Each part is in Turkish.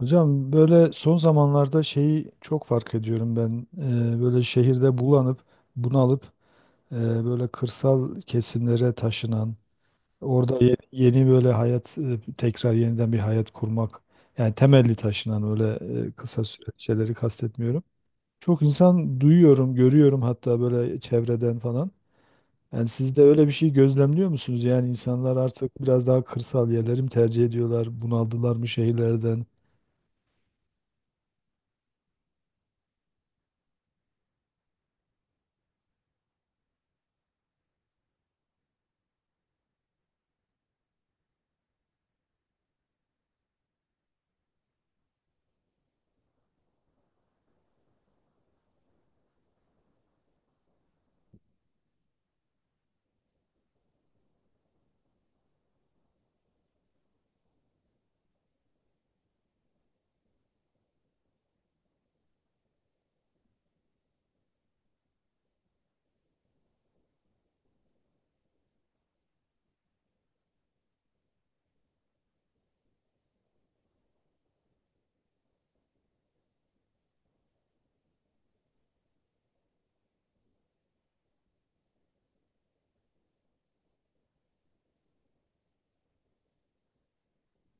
Hocam böyle son zamanlarda şeyi çok fark ediyorum ben. Böyle şehirde bulanıp bunalıp eee, böyle kırsal kesimlere taşınan, orada yeni, böyle hayat tekrar yeniden bir hayat kurmak yani temelli taşınan öyle kısa süre şeyleri kastetmiyorum. Çok insan duyuyorum, görüyorum hatta böyle çevreden falan. Yani siz de öyle bir şey gözlemliyor musunuz? Yani insanlar artık biraz daha kırsal yerleri mi tercih ediyorlar? Bunaldılar mı şehirlerden?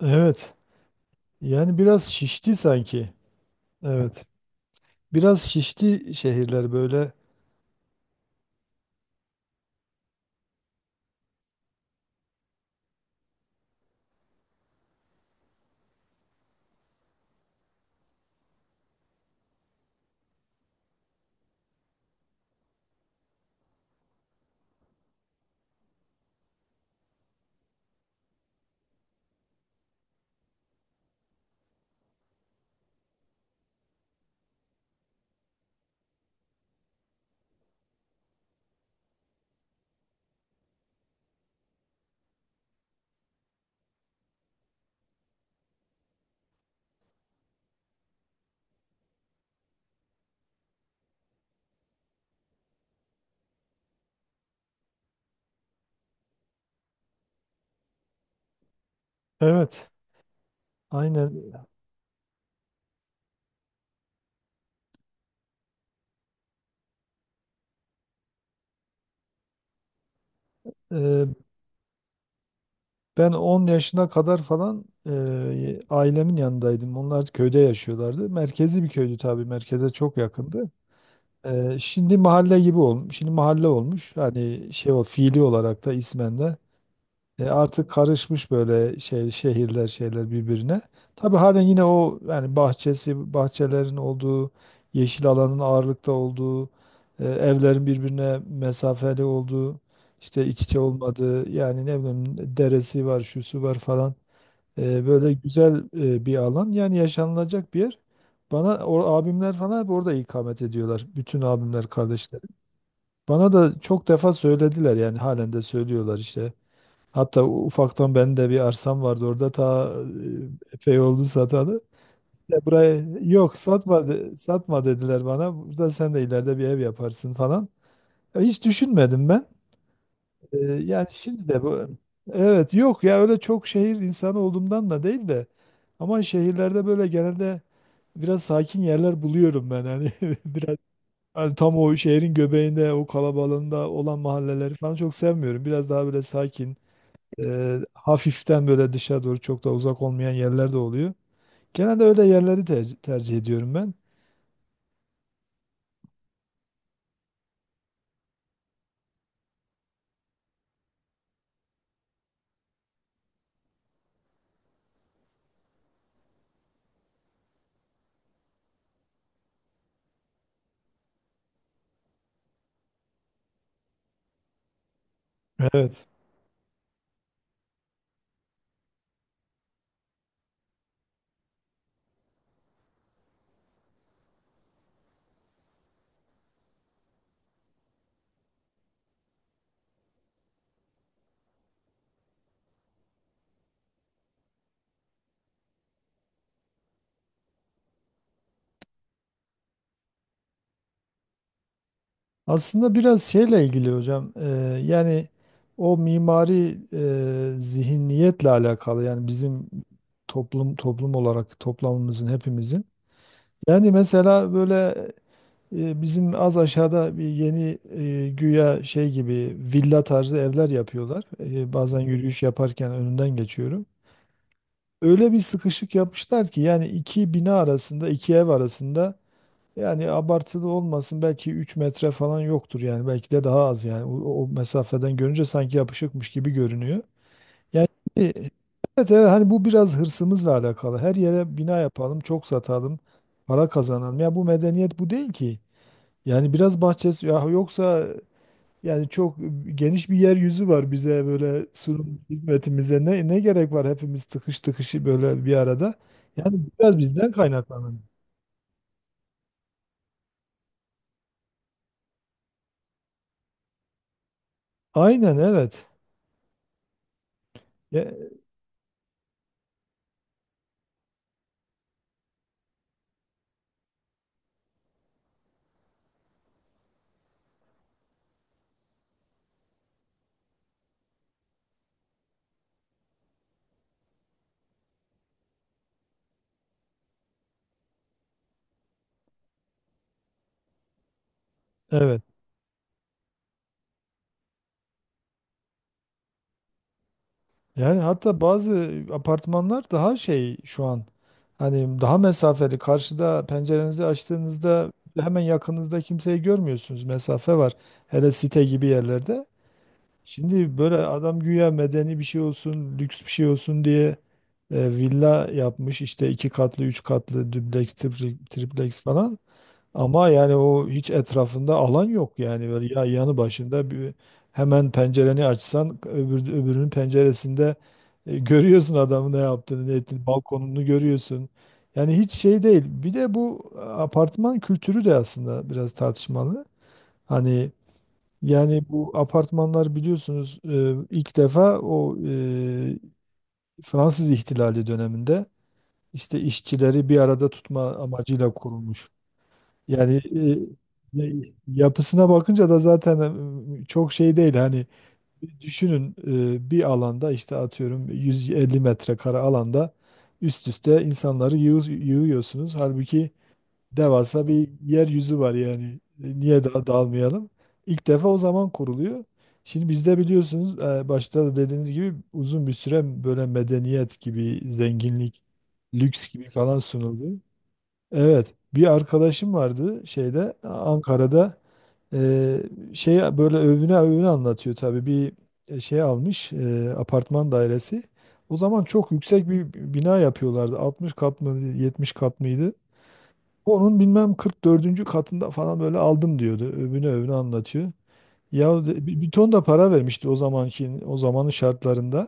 Evet, yani biraz şişti sanki. Evet. Biraz şişti şehirler böyle. Evet. Aynen. Ee, Ben 10 yaşına kadar falan ailemin yanındaydım. Onlar köyde yaşıyorlardı. Merkezi bir köydü tabii. Merkeze çok yakındı. Şimdi mahalle gibi olmuş. Şimdi mahalle olmuş. Hani şey o fiili olarak da ismen de. Artık karışmış böyle şey şehirler şeyler birbirine. Tabii halen yine o yani bahçelerin olduğu, yeşil alanın ağırlıkta olduğu, evlerin birbirine mesafeli olduğu, işte iç içe olmadığı, yani ne bileyim deresi var şusu var falan. Böyle güzel bir alan, yani yaşanılacak bir yer. Bana o abimler falan hep orada ikamet ediyorlar. Bütün abimler kardeşlerim. Bana da çok defa söylediler yani halen de söylüyorlar işte. Hatta ufaktan benim de bir arsam vardı orada ta, epey oldu satalı. Ya buraya, yok, satma satma dediler bana. Burada sen de ileride bir ev yaparsın falan. Ya hiç düşünmedim ben. Yani şimdi de bu, evet, yok ya, öyle çok şehir insanı olduğumdan da değil de, ama şehirlerde böyle genelde biraz sakin yerler buluyorum ben hani, biraz, hani tam o şehrin göbeğinde o kalabalığında olan mahalleleri falan çok sevmiyorum. Biraz daha böyle sakin, hafiften böyle dışa doğru çok da uzak olmayan yerler de oluyor. Genelde öyle yerleri tercih ediyorum ben. Evet. Aslında biraz şeyle ilgili hocam. Yani o mimari zihniyetle alakalı. Yani bizim toplum olarak toplamımızın, hepimizin. Yani mesela böyle, bizim az aşağıda bir yeni, güya şey gibi villa tarzı evler yapıyorlar. Bazen yürüyüş yaparken önünden geçiyorum. Öyle bir sıkışık yapmışlar ki, yani iki bina arasında, iki ev arasında yani, abartılı olmasın belki 3 metre falan yoktur, yani belki de daha az, yani o mesafeden görünce sanki yapışıkmış gibi görünüyor. Yani evet, evet, hani bu biraz hırsımızla alakalı. Her yere bina yapalım, çok satalım, para kazanalım. Ya bu medeniyet bu değil ki. Yani biraz bahçesi, ya yoksa yani çok geniş bir yeryüzü var bize böyle sunum hizmetimize, ne gerek var hepimiz tıkış tıkışı böyle bir arada. Yani biraz bizden kaynaklanıyor. Aynen evet. Ya- evet. Yani hatta bazı apartmanlar daha şey şu an, hani daha mesafeli, karşıda pencerenizi açtığınızda hemen yakınızda kimseyi görmüyorsunuz, mesafe var. Hele site gibi yerlerde. Şimdi böyle adam güya medeni bir şey olsun, lüks bir şey olsun diye villa yapmış işte, 2 katlı, 3 katlı, dubleks, triplex falan. Ama yani o hiç etrafında alan yok, yani böyle ya yanı başında bir, hemen pencereni açsan öbürünün penceresinde görüyorsun adamın ne yaptığını, ne ettiğini, balkonunu görüyorsun. Yani hiç şey değil. Bir de bu apartman kültürü de aslında biraz tartışmalı. Hani, yani bu apartmanlar biliyorsunuz ilk defa o, Fransız ihtilali döneminde işte işçileri bir arada tutma amacıyla kurulmuş. Yani e, e, yapısına bakınca da zaten çok şey değil. Hani düşünün, bir alanda işte atıyorum 150 metrekare alanda üst üste insanları yığıyorsunuz. Halbuki devasa bir yeryüzü var yani. Niye daha dalmayalım? İlk defa o zaman kuruluyor. Şimdi bizde biliyorsunuz, başta da dediğiniz gibi uzun bir süre böyle medeniyet gibi, zenginlik, lüks gibi falan sunuldu. Evet, bir arkadaşım vardı şeyde, Ankara'da, e, şey, böyle övüne övüne anlatıyor tabii, bir şey almış, apartman dairesi. O zaman çok yüksek bir bina yapıyorlardı. 60 kat mı 70 kat mıydı? Onun bilmem 44. katında falan böyle aldım diyordu. Övüne övüne anlatıyor. Ya bir ton da para vermişti, o zamanın şartlarında.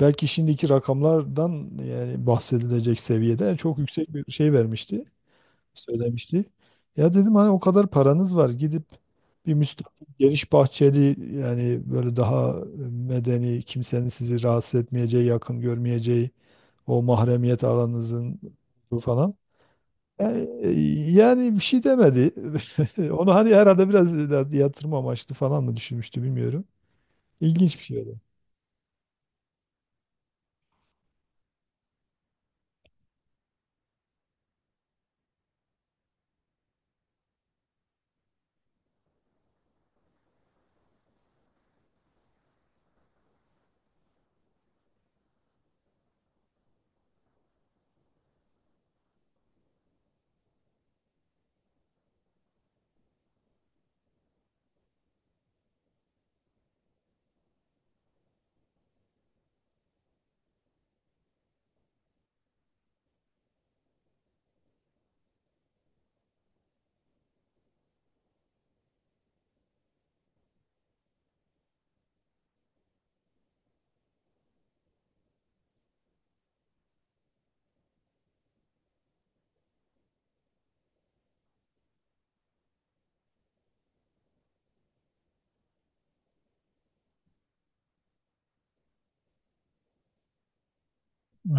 Belki şimdiki rakamlardan yani bahsedilecek seviyede, yani çok yüksek bir şey vermişti, söylemişti. Ya dedim, hani o kadar paranız var, gidip bir müstakil geniş bahçeli, yani böyle daha medeni, kimsenin sizi rahatsız etmeyeceği, yakın görmeyeceği, o mahremiyet alanınızın olduğu falan. E, Yani bir şey demedi. Onu hani herhalde biraz da yatırım amaçlı falan mı düşünmüştü bilmiyorum. İlginç bir şey oldu.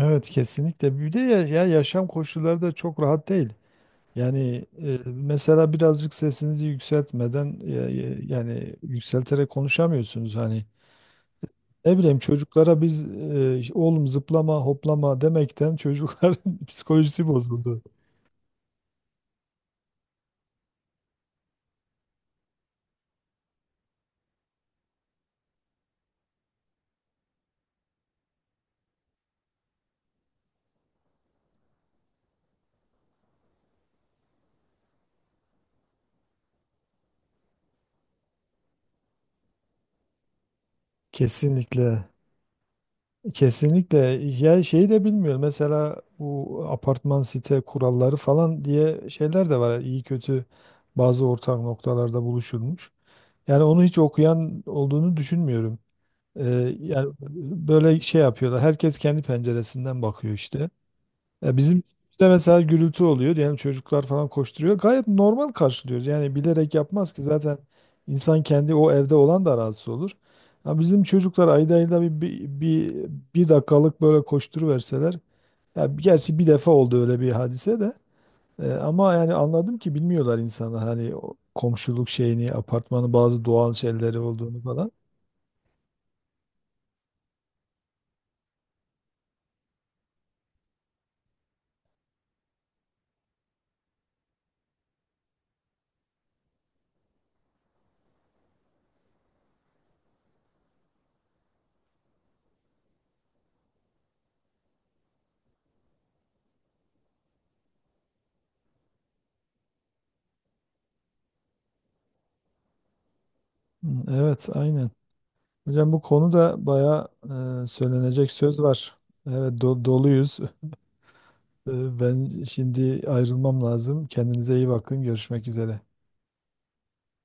Evet, kesinlikle. Bir de ya, yaşam koşulları da çok rahat değil. Yani mesela birazcık sesinizi yükseltmeden, yani yükselterek konuşamıyorsunuz hani. Ne bileyim, çocuklara biz oğlum zıplama hoplama demekten çocukların psikolojisi bozuldu. Kesinlikle. Kesinlikle. Ya şeyi de bilmiyorum. Mesela bu apartman site kuralları falan diye şeyler de var. İyi kötü bazı ortak noktalarda buluşulmuş. Yani onu hiç okuyan olduğunu düşünmüyorum. Yani böyle şey yapıyorlar. Herkes kendi penceresinden bakıyor işte. Ya bizim işte mesela gürültü oluyor diyelim, çocuklar falan koşturuyor. Gayet normal karşılıyoruz. Yani bilerek yapmaz ki zaten, insan kendi, o evde olan da rahatsız olur. Ya bizim çocuklar ayda ayda bir dakikalık böyle koşturuverseler. Ya gerçi bir defa oldu öyle bir hadise de. Ama yani anladım ki bilmiyorlar insanlar hani o komşuluk şeyini, apartmanın bazı doğal şeyleri olduğunu falan. Hı, evet, aynen. Hocam bu konuda bayağı söylenecek söz var. Evet, doluyuz. Ben şimdi ayrılmam lazım. Kendinize iyi bakın. Görüşmek üzere.